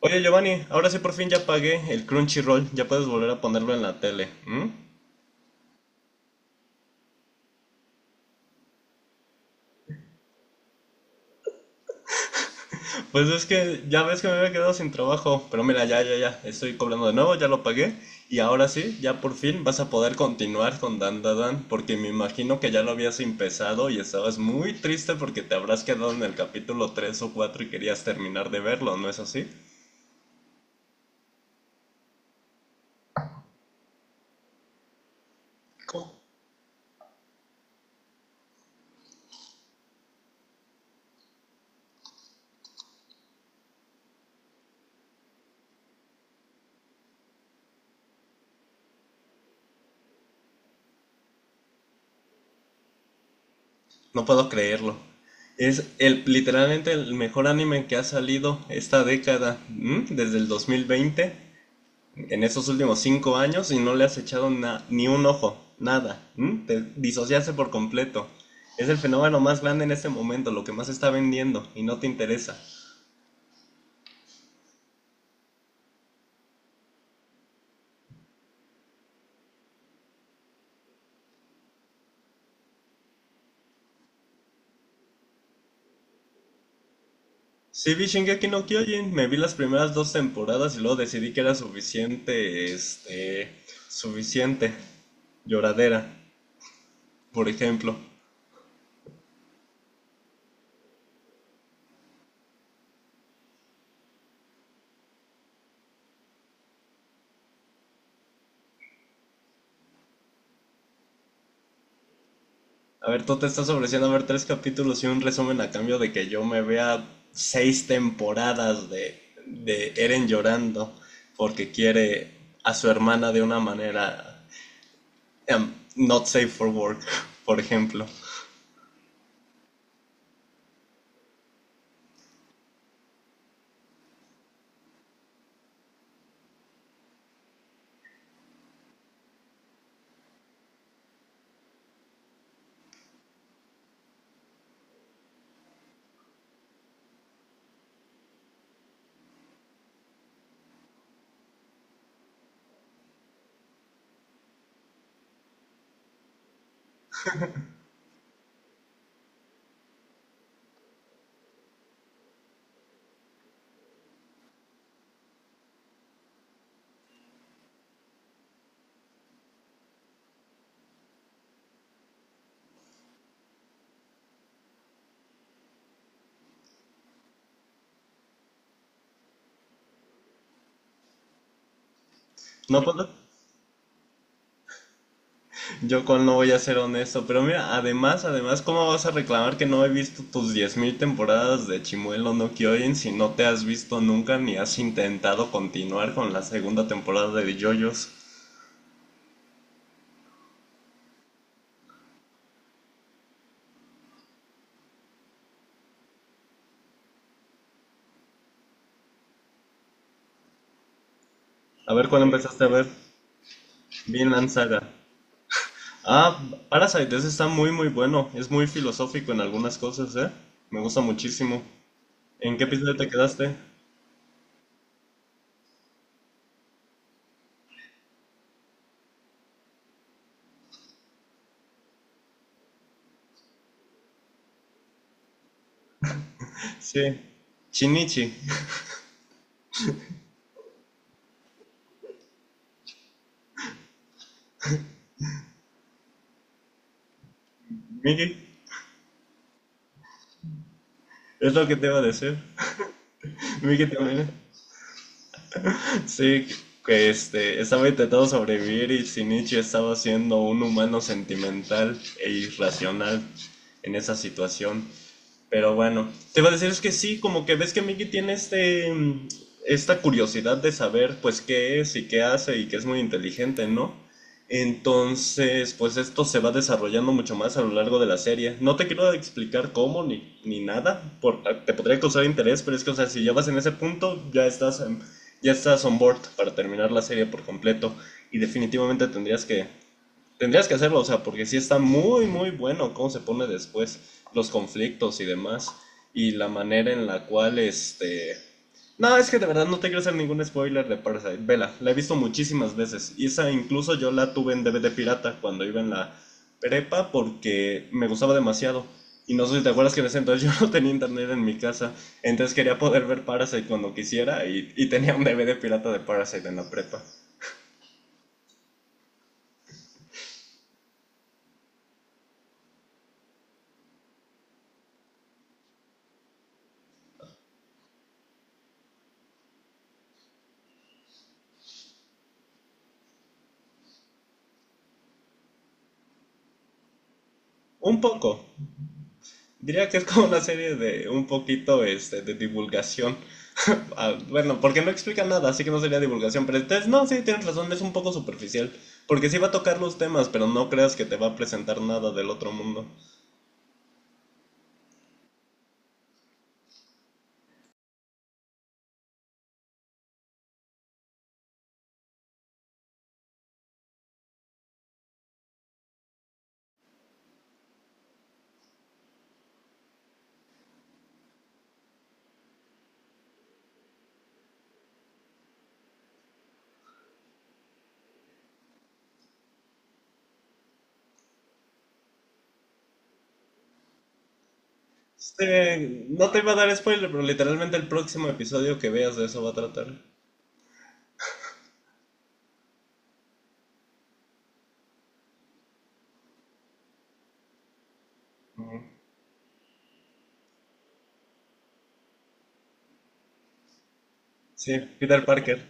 Oye Giovanni, ahora sí por fin ya pagué el Crunchyroll, ya puedes volver a ponerlo en la tele. ¿M? Pues es que ya ves que me había quedado sin trabajo, pero mira, ya, ya, ya, estoy cobrando de nuevo, ya lo pagué y ahora sí, ya por fin vas a poder continuar con Dandadan, porque me imagino que ya lo habías empezado y estabas muy triste porque te habrás quedado en el capítulo 3 o 4 y querías terminar de verlo, ¿no es así? No puedo creerlo. Es literalmente el mejor anime que ha salido esta década, ¿m? Desde el 2020. En esos últimos cinco años y no le has echado ni un ojo, nada. ¿M? Te disociaste por completo. Es el fenómeno más grande en este momento, lo que más está vendiendo y no te interesa. Sí vi Shingeki no Kyojin, me vi las primeras dos temporadas y luego decidí que era suficiente lloradera, por ejemplo. A ver, tú te estás ofreciendo a ver tres capítulos y un resumen a cambio de que yo me vea seis temporadas de Eren llorando porque quiere a su hermana de una manera not safe for work, por ejemplo. No puedo, yo con no voy a ser honesto, pero mira, además, ¿cómo vas a reclamar que no he visto tus 10,000 temporadas de Chimuelo no Kyojin si no te has visto nunca ni has intentado continuar con la segunda temporada de JoJo's? A ver, ¿cuándo empezaste a ver? Bien Lanzaga. Ah, Parasite, ese está muy muy bueno. Es muy filosófico en algunas cosas, ¿eh? Me gusta muchísimo. ¿En qué episodio te quedaste? Sí. Shinichi. Miki, es lo que te iba a decir. Miki también. Sí, que estaba intentando sobrevivir y Shinichi estaba siendo un humano sentimental e irracional en esa situación. Pero bueno, te iba a decir es que sí, como que ves que Mickey tiene esta curiosidad de saber pues qué es y qué hace y que es muy inteligente, ¿no? Entonces, pues esto se va desarrollando mucho más a lo largo de la serie. No te quiero explicar cómo ni nada, te podría causar interés, pero es que, o sea, si ya vas en ese punto, ya estás on board para terminar la serie por completo y definitivamente tendrías que hacerlo, o sea, porque sí está muy, muy bueno cómo se pone después los conflictos y demás. Y la manera en la cual, este... No, es que de verdad no te quiero hacer ningún spoiler de Parasite. Vela, la he visto muchísimas veces. Y esa incluso yo la tuve en DVD pirata cuando iba en la prepa porque me gustaba demasiado. Y no sé si te acuerdas que en ese entonces yo no tenía internet en mi casa. Entonces quería poder ver Parasite cuando quisiera y tenía un DVD pirata de Parasite en la prepa. Un poco, diría que es como una serie de un poquito este, de divulgación. Ah, bueno, porque no explica nada, así que no sería divulgación. Pero entonces, no, sí, tienes razón, es un poco superficial. Porque sí va a tocar los temas, pero no creas que te va a presentar nada del otro mundo. Este, no te iba a dar spoiler, pero literalmente el próximo episodio que veas de eso va a tratar. Sí, Peter Parker.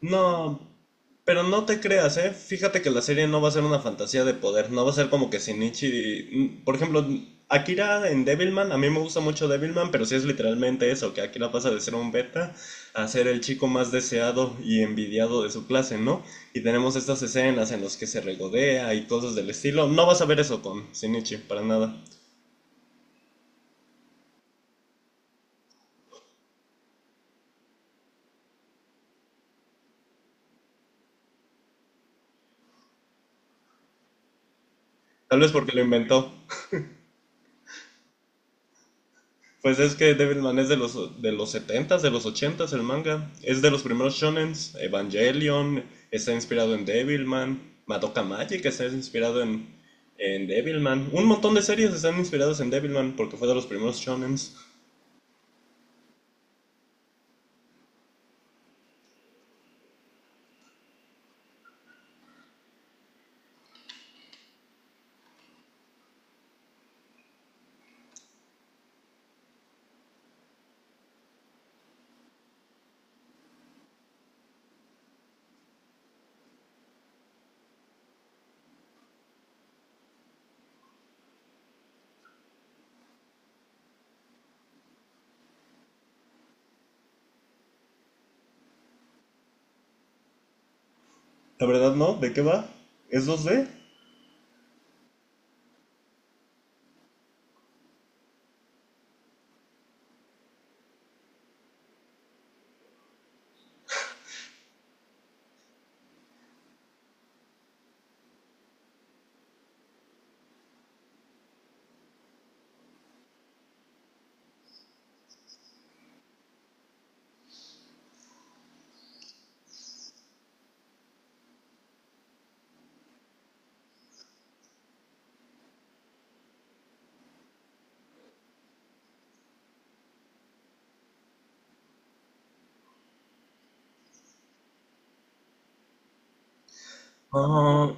No, pero no te creas, ¿eh? Fíjate que la serie no va a ser una fantasía de poder, no va a ser como que Shinichi... Por ejemplo, Akira en Devilman, a mí me gusta mucho Devilman, pero sí es literalmente eso, que Akira pasa de ser un beta a ser el chico más deseado y envidiado de su clase, ¿no? Y tenemos estas escenas en las que se regodea y cosas del estilo. No vas a ver eso con Shinichi, para nada. Tal vez porque lo inventó. Pues es que Devilman es de los setentas de los ochentas el manga. Es de los primeros shonens. Evangelion está inspirado en Devilman. Madoka Magic está inspirado en Devilman. Un montón de series están inspiradas en Devilman porque fue de los primeros shonens. La verdad no, ¿de qué va? ¿Es dos 2D? Ah,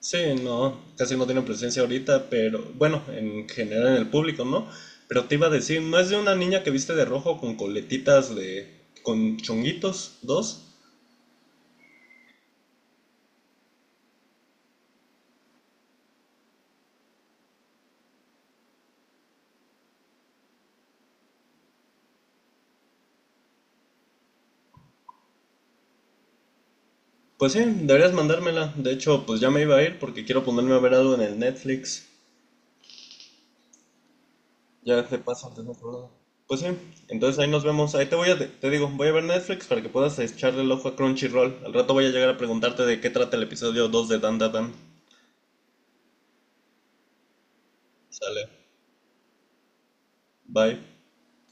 sí, no, casi no tiene presencia ahorita, pero bueno, en general en el público, ¿no? Pero te iba a decir, ¿no es de una niña que viste de rojo con coletitas de... con chonguitos, dos? Pues sí, deberías mandármela. De hecho, pues ya me iba a ir porque quiero ponerme a ver algo en el Netflix. Ya se pasa, tengo problema. Pues sí, entonces ahí nos vemos. Ahí te voy a, te digo, voy a ver Netflix para que puedas echarle el ojo a Crunchyroll. Al rato voy a llegar a preguntarte de qué trata el episodio 2 de Dan Dan Dan. Sale. Bye.